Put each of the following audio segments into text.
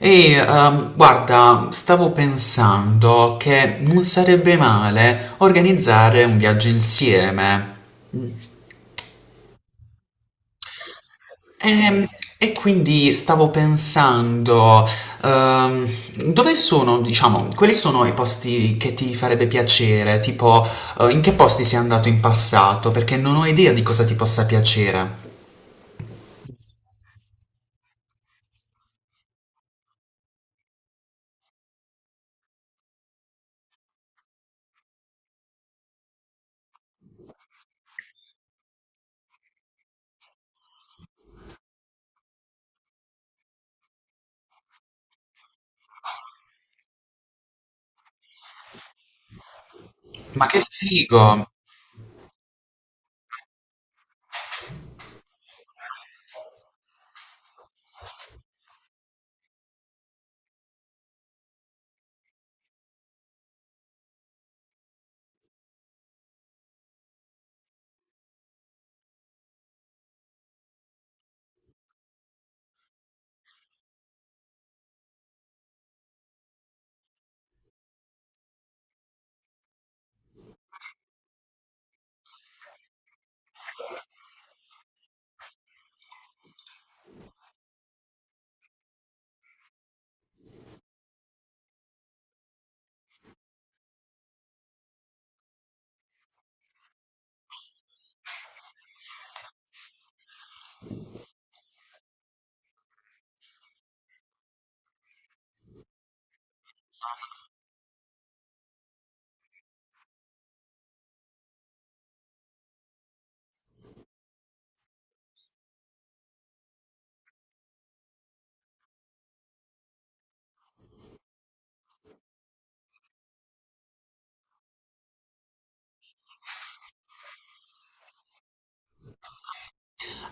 Ehi, guarda, stavo pensando che non sarebbe male organizzare un viaggio insieme. E, e quindi stavo pensando, ehm, dove sono, diciamo, quali sono i posti che ti farebbe piacere? Tipo, in che posti sei andato in passato? Perché non ho idea di cosa ti possa piacere. Ma che figo!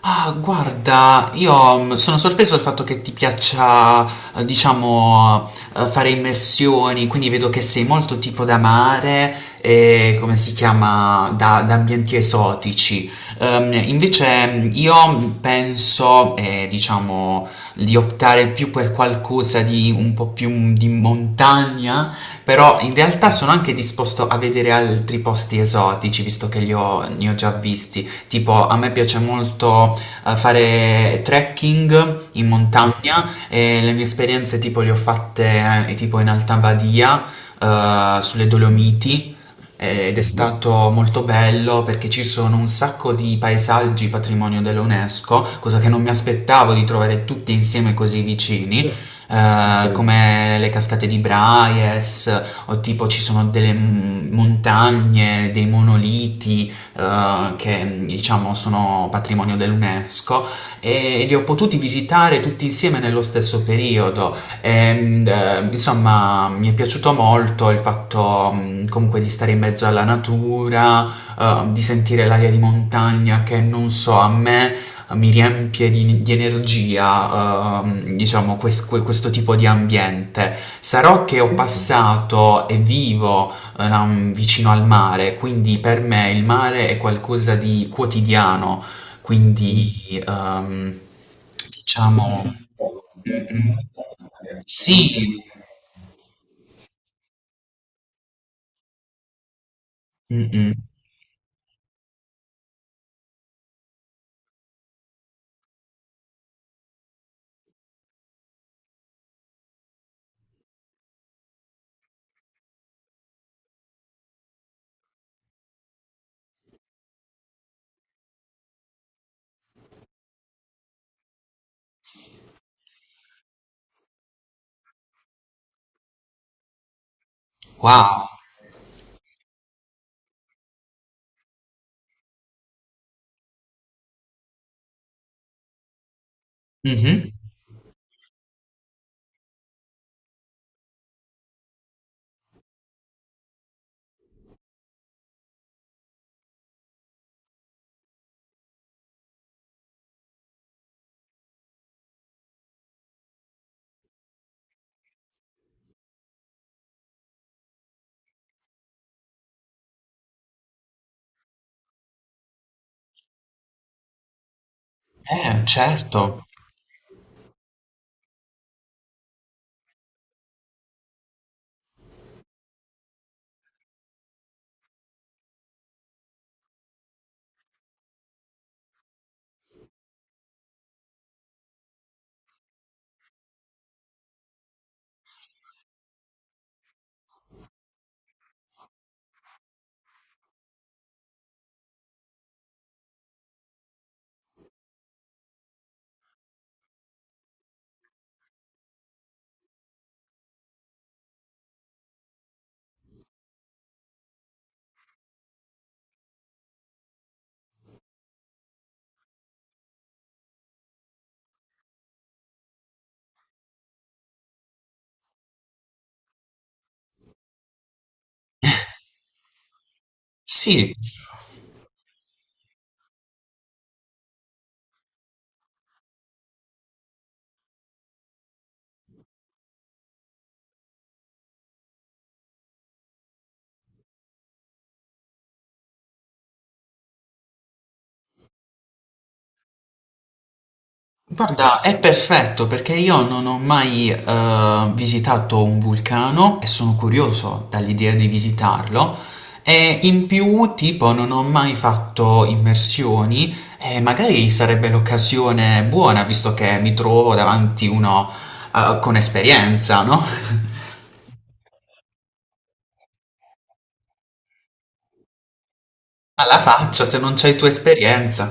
Ah, guarda, io sono sorpreso dal fatto che ti piaccia, diciamo, fare immersioni, quindi vedo che sei molto tipo da mare e come si chiama, da ambienti esotici. Invece io penso, diciamo, di optare più per qualcosa di un po' più di montagna, però in realtà sono anche disposto a vedere altri posti esotici, visto che ne ho già visti. Tipo, a me piace molto a fare trekking in montagna e le mie esperienze tipo le ho fatte tipo in Alta Badia, sulle Dolomiti ed è stato molto bello perché ci sono un sacco di paesaggi patrimonio dell'UNESCO, cosa che non mi aspettavo di trovare tutti insieme così vicini. Sì, vero. Come le cascate di Braies, o tipo ci sono delle montagne, dei monoliti, che diciamo sono patrimonio dell'UNESCO e li ho potuti visitare tutti insieme nello stesso periodo. Insomma, mi è piaciuto molto il fatto comunque di stare in mezzo alla natura, di sentire l'aria di montagna che non so, a me mi riempie di energia, diciamo, questo tipo di ambiente. Sarò che ho passato e vivo vicino al mare, quindi per me il mare è qualcosa di quotidiano, quindi diciamo sì, mm-mm. Wow, mhm. Certo, sì. Guarda, è perfetto perché io non ho mai visitato un vulcano e sono curioso dall'idea di visitarlo e in più, tipo, non ho mai fatto immersioni e magari sarebbe l'occasione buona visto che mi trovo davanti uno con esperienza, no? Alla faccia, se non c'hai tu esperienza.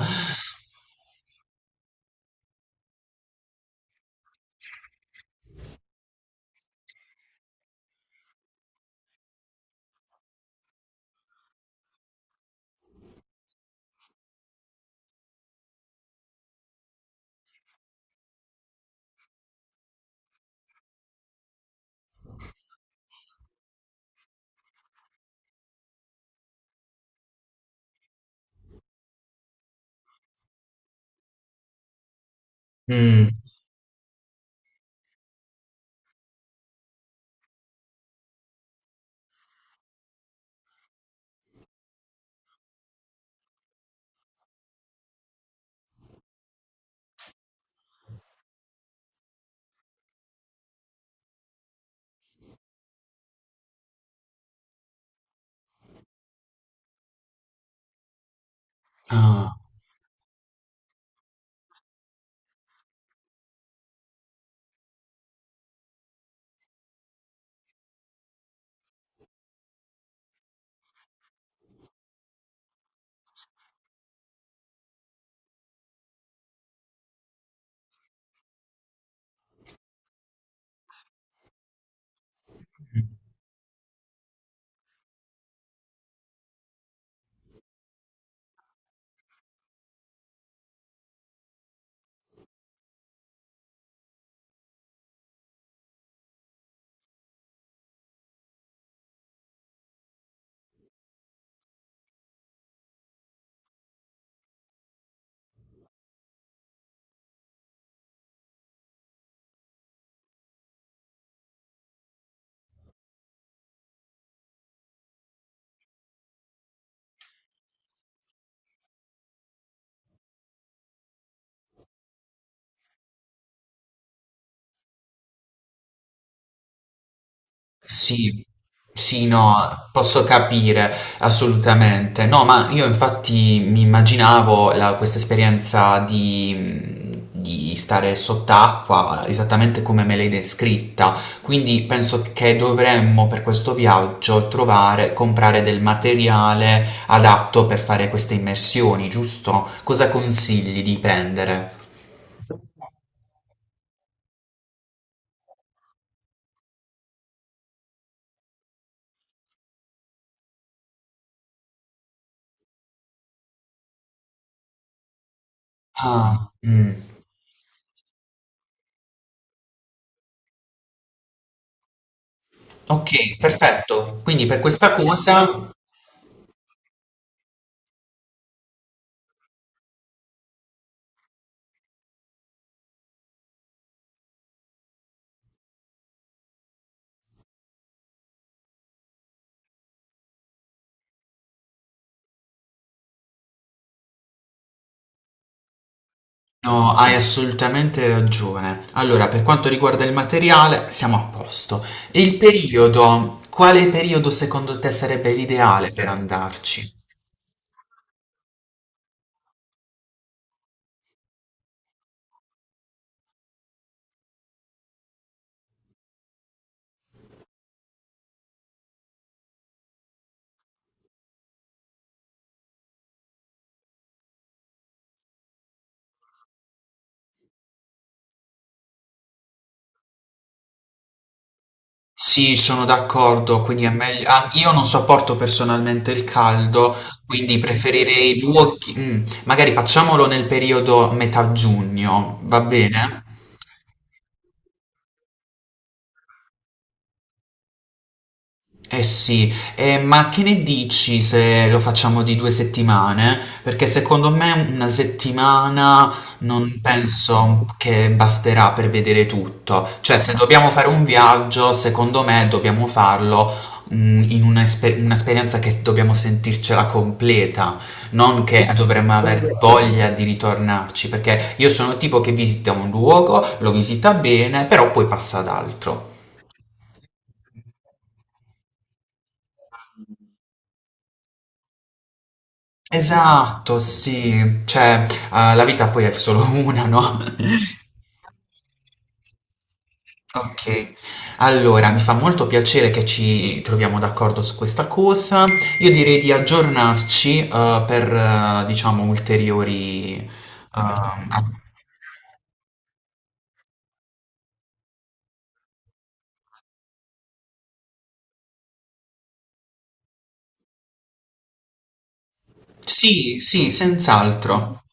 Mm, ah. Sì, sì, no, posso capire assolutamente. No, ma io infatti mi immaginavo questa esperienza di stare sott'acqua esattamente come me l'hai descritta. Quindi penso che dovremmo per questo viaggio trovare, comprare del materiale adatto per fare queste immersioni, giusto? Cosa consigli di prendere? Ah, mm, ok, perfetto. Quindi per questa cosa. No, hai assolutamente ragione. Allora, per quanto riguarda il materiale, siamo a posto. E il periodo? Quale periodo secondo te sarebbe l'ideale per andarci? Sì, sono d'accordo, quindi è meglio... ah, io non sopporto personalmente il caldo, quindi preferirei luoghi... magari facciamolo nel periodo metà giugno, va bene? Eh sì, ma che ne dici se lo facciamo di due settimane? Perché secondo me una settimana non penso che basterà per vedere tutto. Cioè, se dobbiamo fare un viaggio, secondo me dobbiamo farlo, in una un'esperienza che dobbiamo sentircela completa, non che dovremmo aver voglia di ritornarci, perché io sono il tipo che visita un luogo, lo visita bene, però poi passa ad altro. Esatto, sì, cioè, la vita poi è solo una, no? Okay, allora mi fa molto piacere che ci troviamo d'accordo su questa cosa. Io direi di aggiornarci, per diciamo ulteriori, uhm, a sì, sì, senz'altro.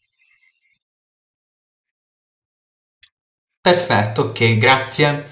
Perfetto, okay, grazie.